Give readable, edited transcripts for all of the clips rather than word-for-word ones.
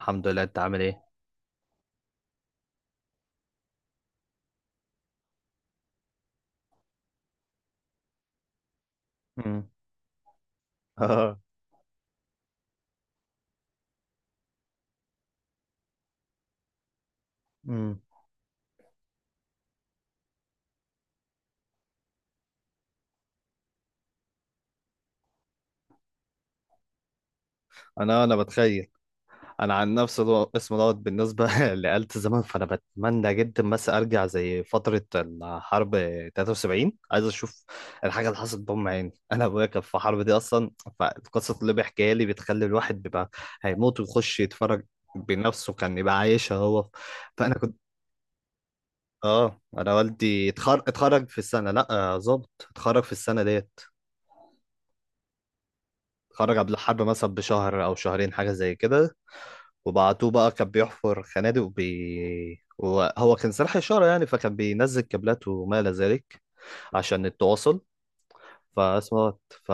الحمد لله. انت عامل ايه؟ امم. اه. امم. انا بتخيل. انا عن نفس اسم دوت بالنسبه لآلة الزمن، فانا بتمنى جدا بس ارجع زي فتره الحرب 73. عايز اشوف الحاجه اللي حصلت بام عيني. انا ابويا كان في الحرب دي اصلا، فالقصه اللي بيحكيها لي بتخلي الواحد بيبقى هيموت ويخش يتفرج بنفسه، كان يبقى عايشها هو. فانا كنت، اه، انا والدي اتخرج في السنه، لا آه، ظابط اتخرج في السنه ديت. خرج قبل الحرب مثلا بشهر او شهرين حاجه زي كده، وبعتوه بقى كان بيحفر خنادق وبي وهو كان سلاح اشاره، يعني فكان بينزل كابلات وما الى ذلك عشان التواصل. فاسمه ف...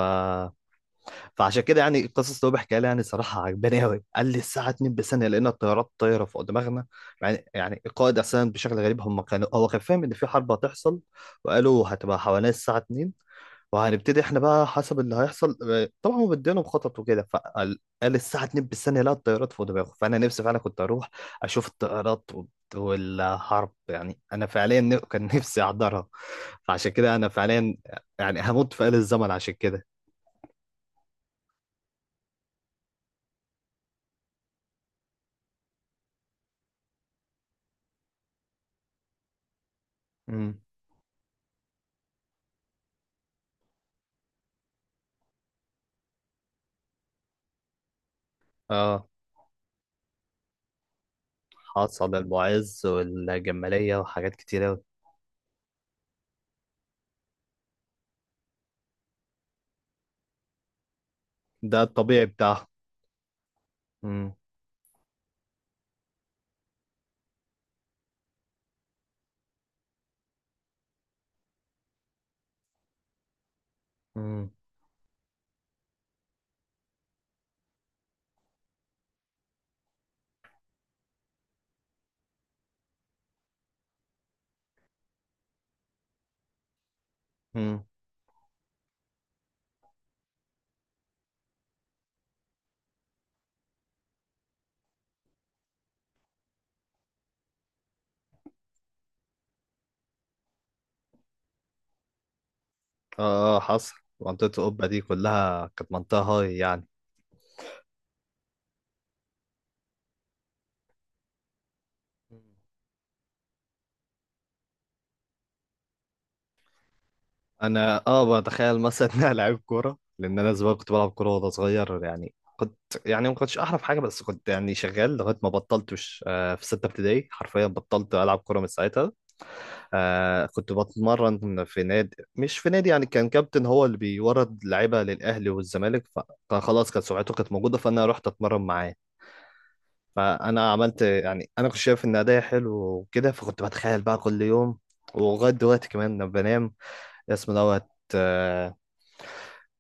فعشان كده يعني القصص اللي هو بيحكيها لي يعني صراحه عجباني قوي. قال لي الساعه 2 بثانيه لقينا الطيارات طايره فوق دماغنا. يعني القائد اصلا بشكل غريب، هم كانوا، هو كان فاهم ان في حرب هتحصل، وقالوا هتبقى حوالين الساعه 2 وهنبتدي احنا بقى حسب اللي هيحصل آه، طبعا هو مدينهم خطط وكده. فقال قال الساعه 2 بالثانيه لا الطيارات فوق دماغه. فانا نفسي فعلا كنت اروح اشوف الطيارات والحرب، يعني انا فعليا كان نفسي احضرها. فعشان كده انا فعليا يعني هموت في آل الزمن عشان كده. امم. اه، حصل المعز والجمالية وحاجات كتير أوي. ده الطبيعي بتاعه. مم. مم. مم. اه اه حصل، منطقة القبة دي كلها كانت منطقة هاي يعني. انا اه بتخيل مثلا ان انا لعيب كوره، لان انا زمان كنت بلعب كوره وانا صغير يعني. كنت يعني ما كنتش احرف حاجه، بس كنت يعني شغال لغايه ما بطلتش آه، في سته ابتدائي حرفيا بطلت العب كوره من ساعتها. آه، كنت بتمرن في نادي، مش في نادي يعني، كان كابتن هو اللي بيورد لعيبه للاهلي والزمالك، فخلاص كانت سمعته كانت موجوده فانا رحت اتمرن معاه. فانا عملت يعني، انا كنت شايف ان اداء حلو وكده، فكنت بتخيل بقى كل يوم ولغايه دلوقتي كمان لما بنام اسم دوت آه،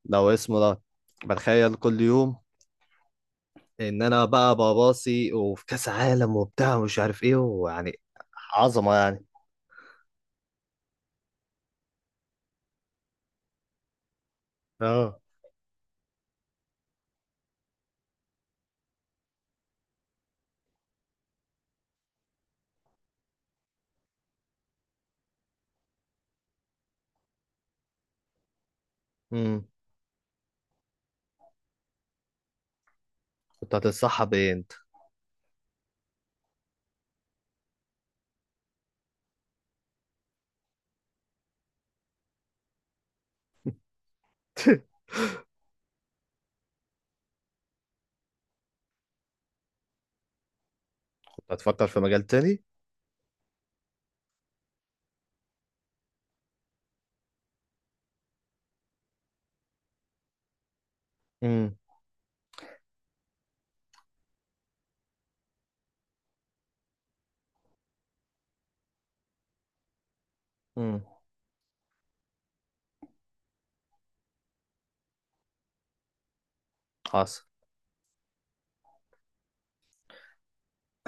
لو اسمه ده بتخيل كل يوم ان انا بقى بباصي وفي كاس عالم وبتاع ومش عارف ايه ويعني عظمه يعني. اه. امم. كنت هتتصحى ايه انت؟ كنت هتفكر في مجال تاني. امم. امم. حصل.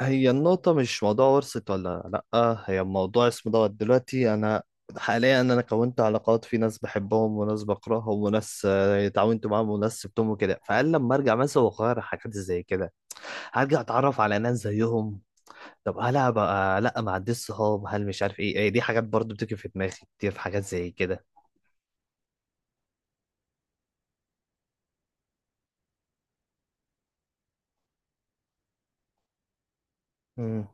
هي النقطة مش موضوع ورثة ولا لأ، هي موضوع اسمه دوت. دلوقتي أنا حاليا أنا كونت علاقات في ناس بحبهم وناس بكرههم وناس آه، اتعاونت معاهم وناس سبتهم وكده، فقال لما أرجع مثلا وأغير حاجات زي كده هرجع أتعرف على ناس زيهم. طب هلا بقى لا ما عنديش صحاب، هل مش عارف ايه، إيه دي حاجات برضو بتيجي في دماغي كتير، في حاجات زي كده. امم.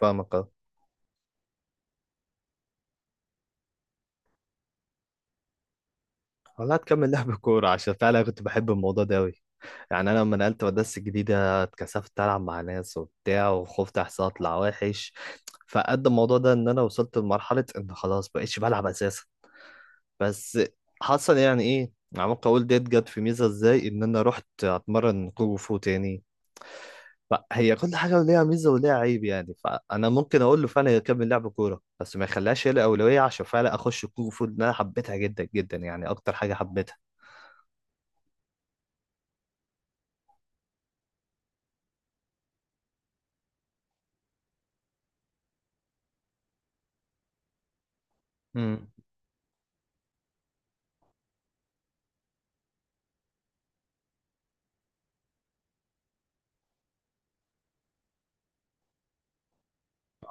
فاهمك اه. والله هتكمل لعب كورة عشان فعلا كنت بحب الموضوع ده أوي. يعني أنا لما نقلت مدرسة جديدة اتكسفت ألعب مع ناس وبتاع، وخفت أحسن أطلع وحش، فقد الموضوع ده إن أنا وصلت لمرحلة إن خلاص بقيتش بلعب أساسا. بس حصل يعني إيه، عمال أقول ديت جت في ميزة إزاي، إن أنا رحت أتمرن كونغ فو تاني. فهي كل حاجة ليها ميزة وليها عيب يعني، فأنا ممكن أقول له فعلا يكمل لعب كورة بس ما يخليهاش هي الأولوية، عشان فعلا أخش كونغ فو لأن أنا حبيتها جدا جدا يعني، أكتر حاجة حبيتها. امم.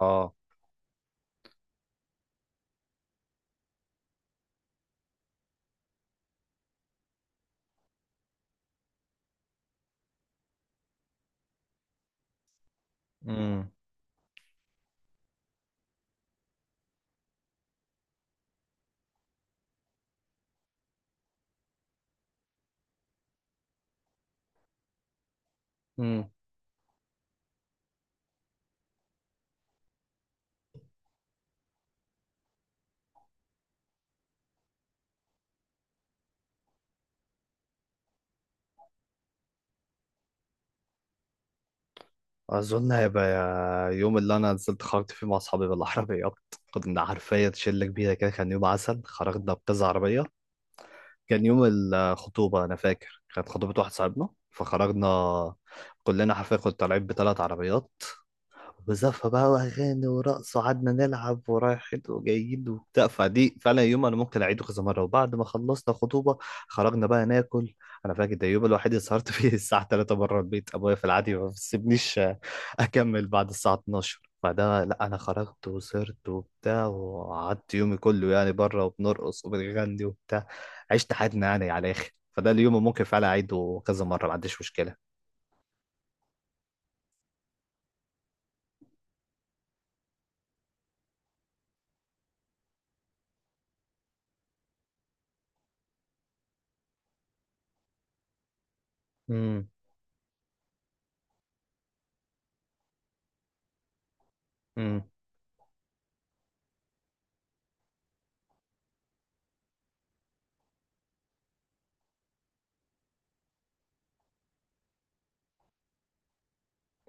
أه. امم. امم. أظن هيبقى يوم اللي أنا نزلت خرجت فيه مع أصحابي بالعربيات. كنا عارفية شلة كبيرة كده، كان يوم عسل، خرجنا بكذا عربية. كان يوم الخطوبة، أنا فاكر كانت خطوبة واحد صاحبنا، فخرجنا كلنا حرفيا كنا طالعين بثلاث عربيات وزفة بقى وأغاني ورقص، وقعدنا نلعب ورايحين وجايين وبتاع. فدي فعلا يوم أنا ممكن أعيده كذا مرة. وبعد ما خلصنا خطوبة خرجنا بقى ناكل. أنا فاكر ده اليوم الوحيد اللي سهرت فيه الساعة 3 بره البيت، أبويا في العادي ما بيسيبنيش أكمل بعد الساعة 12. فده لا أنا خرجت وسهرت وبتاع وقعدت يومي كله يعني بره، وبنرقص وبنغني وبتاع، عشت حياتنا يعني على الآخر. فده اليوم اللي ممكن فعلا أعيده كذا مرة، ما عنديش مشكلة. امم. امم.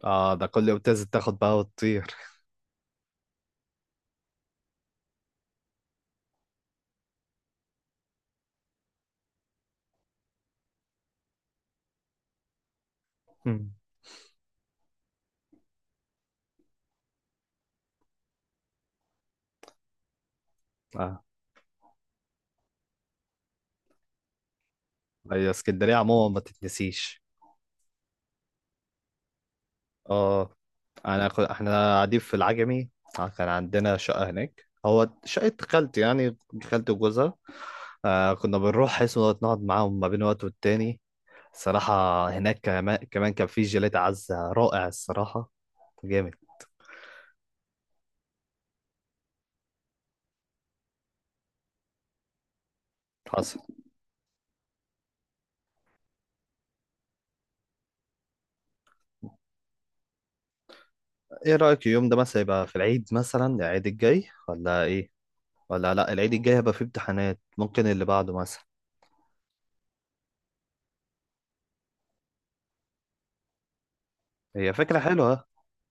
اه، ده كل يوم تنزل تاخد بقى وتطير. مم. اه، هي اسكندريه عموما ما تتنسيش. اه، انا احنا قاعدين في العجمي آه، كان عندنا شقه هناك، هو شقه خالتي يعني، خالتي وجوزها. آه كنا بنروح حيث نقعد معاهم ما بين وقت والتاني، صراحه. هناك كمان كمان كان في جيلاتي عزه رائع الصراحه، جامد. حصل. ايه رايك اليوم ده مثلا يبقى في العيد مثلا، العيد الجاي ولا ايه؟ ولا لا العيد الجاي هيبقى فيه امتحانات، ممكن اللي بعده مثلا. هي فكره حلوه.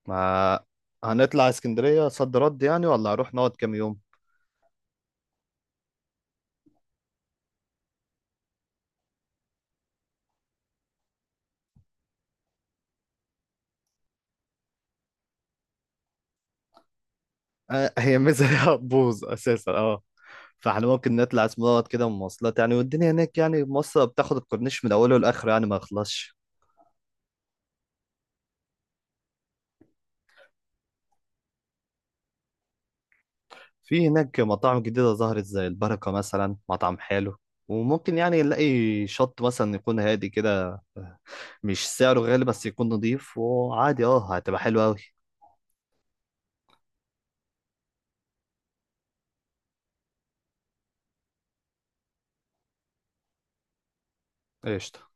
ما هنطلع اسكندرية صد رد يعني ولا هنروح نقعد كام يوم؟ آه هي ميزة هتبوظ أساسا اه، فاحنا ممكن نطلع اسم دوت كده مواصلات يعني، والدنيا هناك يعني مصر بتاخد، الكورنيش من أوله لآخره يعني ما يخلصش. في هناك مطاعم جديدة ظهرت زي البركة مثلا، مطعم حلو. وممكن يعني نلاقي شط مثلا يكون هادي كده، مش سعره غالي بس يكون نضيف وعادي، اه هتبقى حلوة أوي. قشطة.